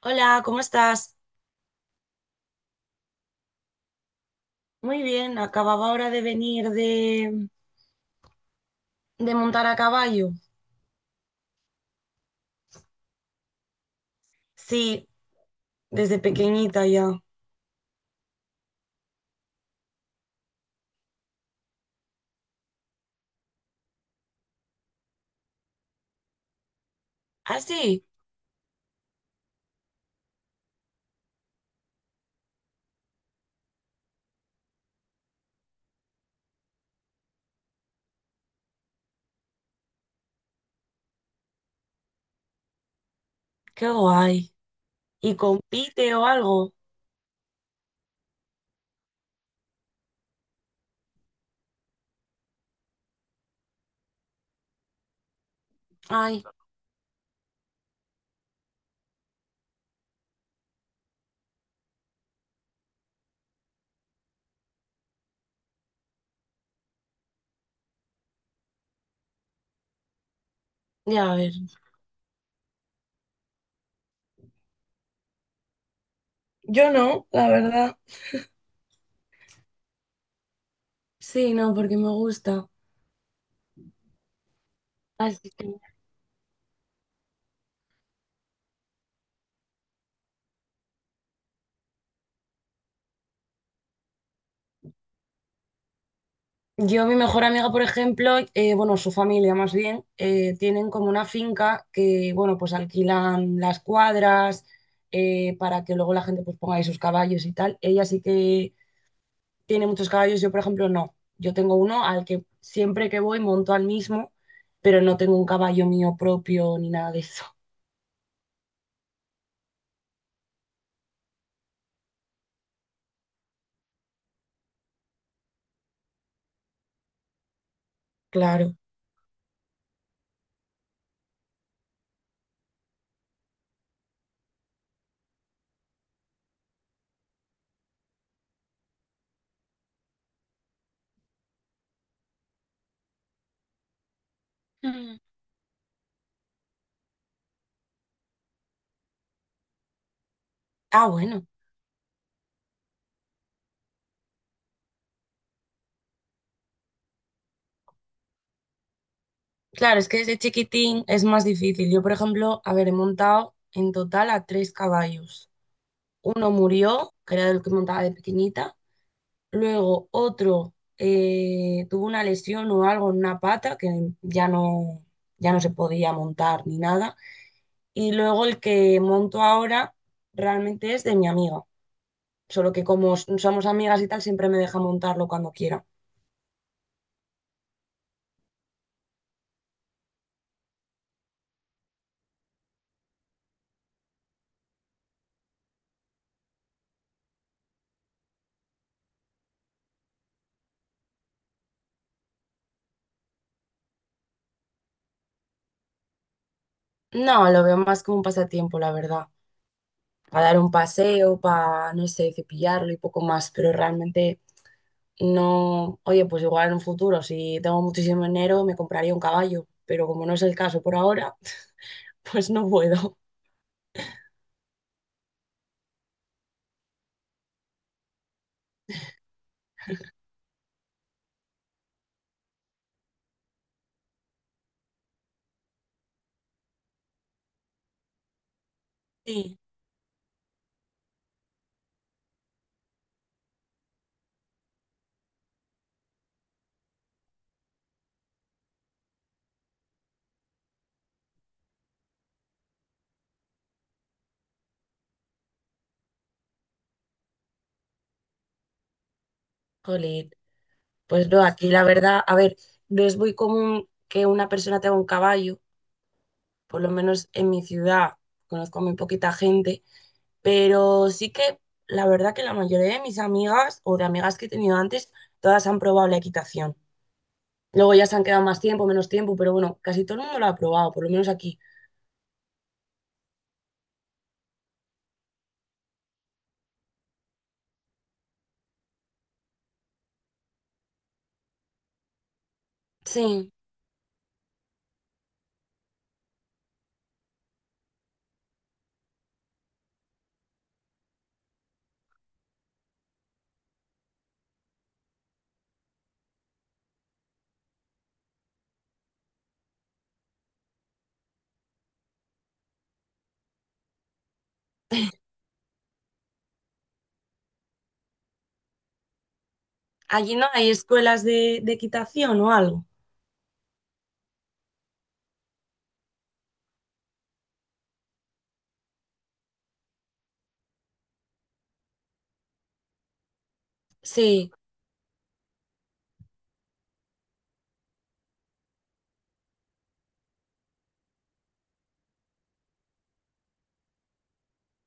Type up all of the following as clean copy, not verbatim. Hola, ¿cómo estás? Muy bien, acababa ahora de venir de montar a caballo. Sí, desde pequeñita ya. Ah, sí, qué guay. ¿Y compite o algo? Ay, ya a ver. Yo no, la verdad. Sí, no, porque me gusta. Así que- Yo, mi mejor amiga, por ejemplo, bueno, su familia más bien, tienen como una finca que, bueno, pues alquilan las cuadras para que luego la gente pues ponga ahí sus caballos y tal. Ella sí que tiene muchos caballos, yo por ejemplo no. Yo tengo uno al que siempre que voy monto al mismo, pero no tengo un caballo mío propio ni nada de eso. Claro. Mm. Ah, bueno. Claro, es que desde chiquitín es más difícil. Yo por ejemplo, a ver, he montado en total a tres caballos. Uno murió, que era el que montaba de pequeñita. Luego otro tuvo una lesión o algo en una pata que ya no, ya no se podía montar ni nada. Y luego el que monto ahora realmente es de mi amiga. Solo que como somos amigas y tal, siempre me deja montarlo cuando quiera. No, lo veo más como un pasatiempo, la verdad. Para dar un paseo, para, no sé, cepillarlo y poco más. Pero realmente no. Oye, pues igual en un futuro, si tengo muchísimo dinero, me compraría un caballo. Pero como no es el caso por ahora, pues no puedo. Sí. Jolín. Pues no, aquí la verdad, a ver, no es muy común que una persona tenga un caballo por lo menos en mi ciudad, conozco muy poquita gente, pero sí que la verdad que la mayoría de mis amigas o de amigas que he tenido antes, todas han probado la equitación. Luego ya se han quedado más tiempo, menos tiempo, pero bueno, casi todo el mundo lo ha probado, por lo menos aquí. Sí, allí no hay escuelas de equitación o algo. Sí,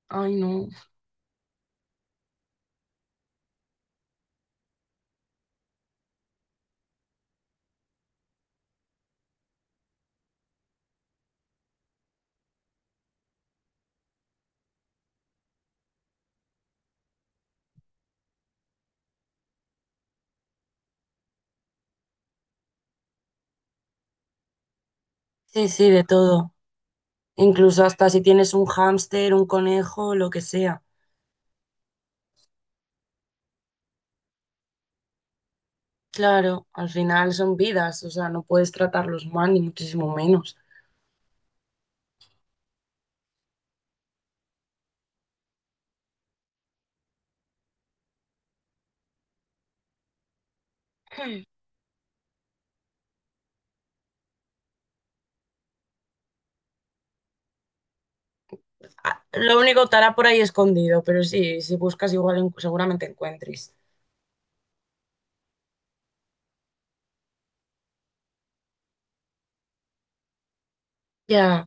ay no. Sí, sí, de todo. Incluso hasta si tienes un hámster, un conejo, lo que sea. Claro, al final son vidas, o sea, no puedes tratarlos mal, ni muchísimo menos. Ah, lo único estará por ahí escondido, pero sí, si buscas igual seguramente encuentres. Ya,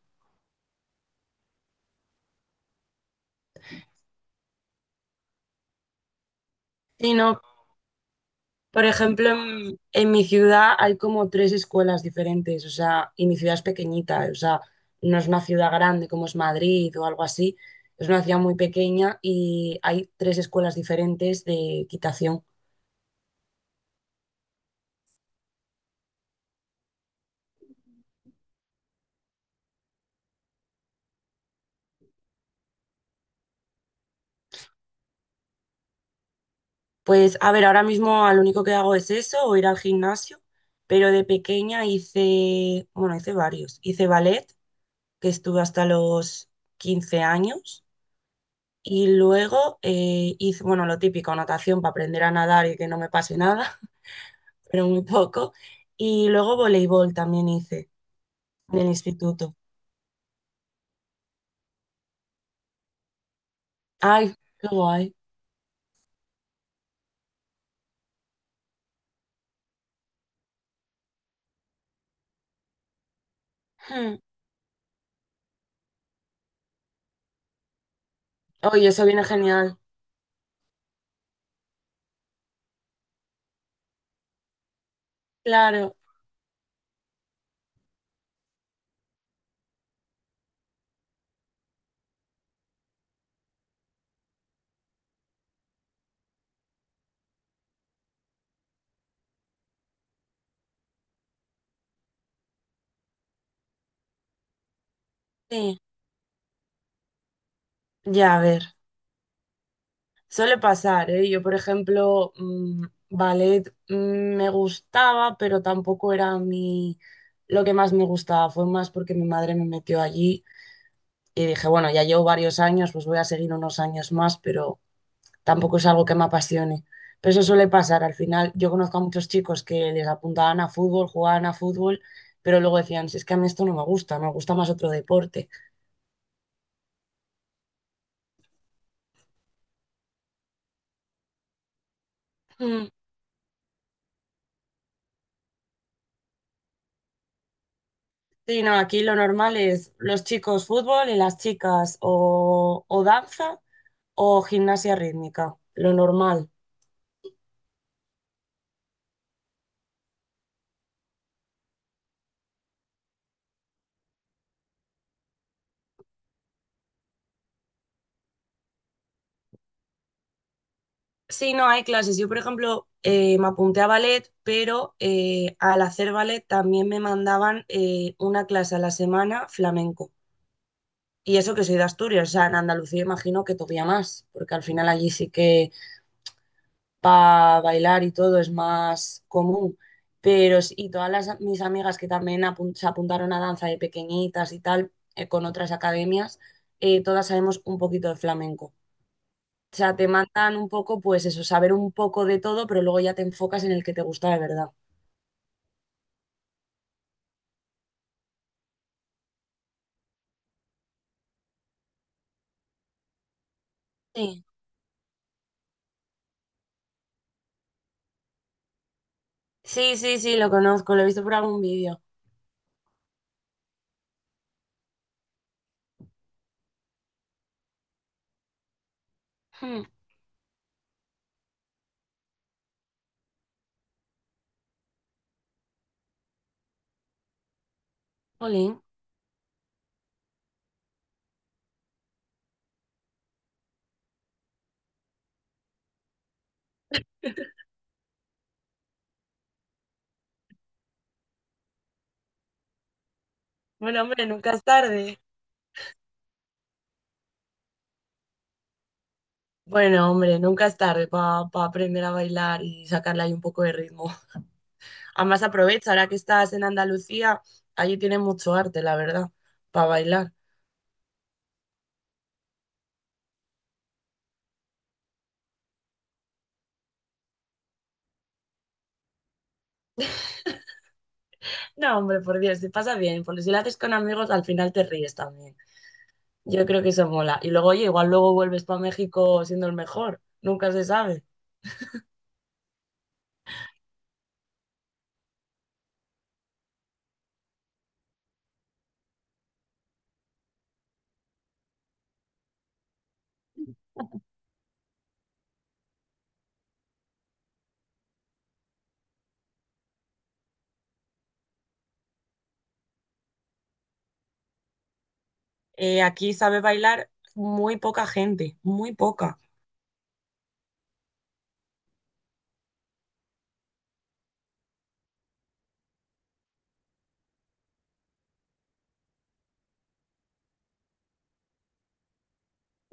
sí, no. Por ejemplo, en mi ciudad hay como tres escuelas diferentes, o sea, y mi ciudad es pequeñita, o sea, no es una ciudad grande como es Madrid o algo así, es una ciudad muy pequeña y hay tres escuelas diferentes de equitación. Pues a ver, ahora mismo lo único que hago es eso o ir al gimnasio, pero de pequeña hice, bueno, hice varios, hice ballet que estuve hasta los 15 años. Y luego hice, bueno, lo típico, natación para aprender a nadar y que no me pase nada, pero muy poco. Y luego voleibol también hice en el instituto. Ay, qué guay. Hmm. Oye, eso viene genial. Claro, sí. Ya, a ver, suele pasar, ¿eh? Yo, por ejemplo, ballet me gustaba, pero tampoco era mi lo que más me gustaba. Fue más porque mi madre me metió allí. Y dije, bueno, ya llevo varios años, pues voy a seguir unos años más, pero tampoco es algo que me apasione. Pero eso suele pasar. Al final, yo conozco a muchos chicos que les apuntaban a fútbol, jugaban a fútbol, pero luego decían, si es que a mí esto no me gusta, me gusta más otro deporte. Mm. Sí, no, aquí lo normal es los chicos fútbol y las chicas o danza o gimnasia rítmica, lo normal. Sí, no, hay clases. Yo, por ejemplo, me apunté a ballet, pero al hacer ballet también me mandaban una clase a la semana flamenco. Y eso que soy de Asturias, o sea, en Andalucía imagino que todavía más, porque al final allí sí que para bailar y todo es más común. Pero, y todas las, mis amigas que también se apuntaron a danza de pequeñitas y tal, con otras academias, todas sabemos un poquito de flamenco. O sea, te mandan un poco, pues eso, saber un poco de todo, pero luego ya te enfocas en el que te gusta de verdad. Sí, sí, sí, sí, lo conozco, lo he visto por algún vídeo. Hmm, jolín. Bueno, hombre, nunca es tarde. Bueno, hombre, nunca es tarde para aprender a bailar y sacarle ahí un poco de ritmo. Además, aprovecha, ahora que estás en Andalucía, allí tiene mucho arte, la verdad, para bailar. No, hombre, por Dios, te pasa bien, porque si lo haces con amigos, al final te ríes también. Yo creo que eso mola. Y luego, oye, igual luego vuelves para México siendo el mejor. Nunca se sabe. Aquí sabe bailar muy poca gente, muy poca.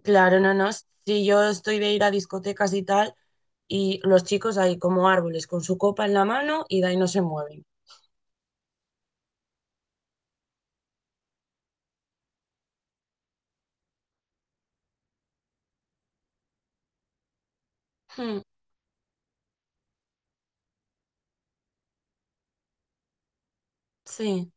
Claro, no, no. Si yo estoy de ir a discotecas y tal, y los chicos ahí como árboles con su copa en la mano y de ahí no se mueven. Hmm, sí,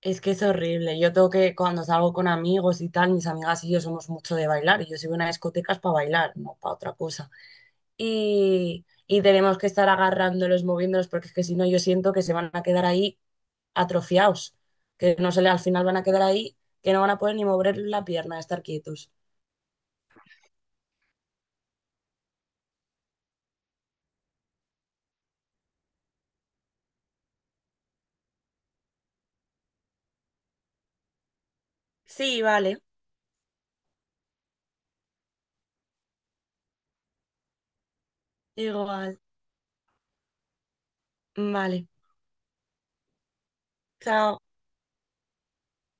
es que es horrible. Yo tengo que, cuando salgo con amigos y tal, mis amigas y yo somos mucho de bailar. Y yo soy una discoteca para bailar, no para otra cosa. Y tenemos que estar agarrándolos, moviéndolos, porque es que si no, yo siento que se van a quedar ahí atrofiados, que no se le, al final van a quedar ahí, que no van a poder ni mover la pierna, estar quietos. Sí, vale, igual, vale, chao.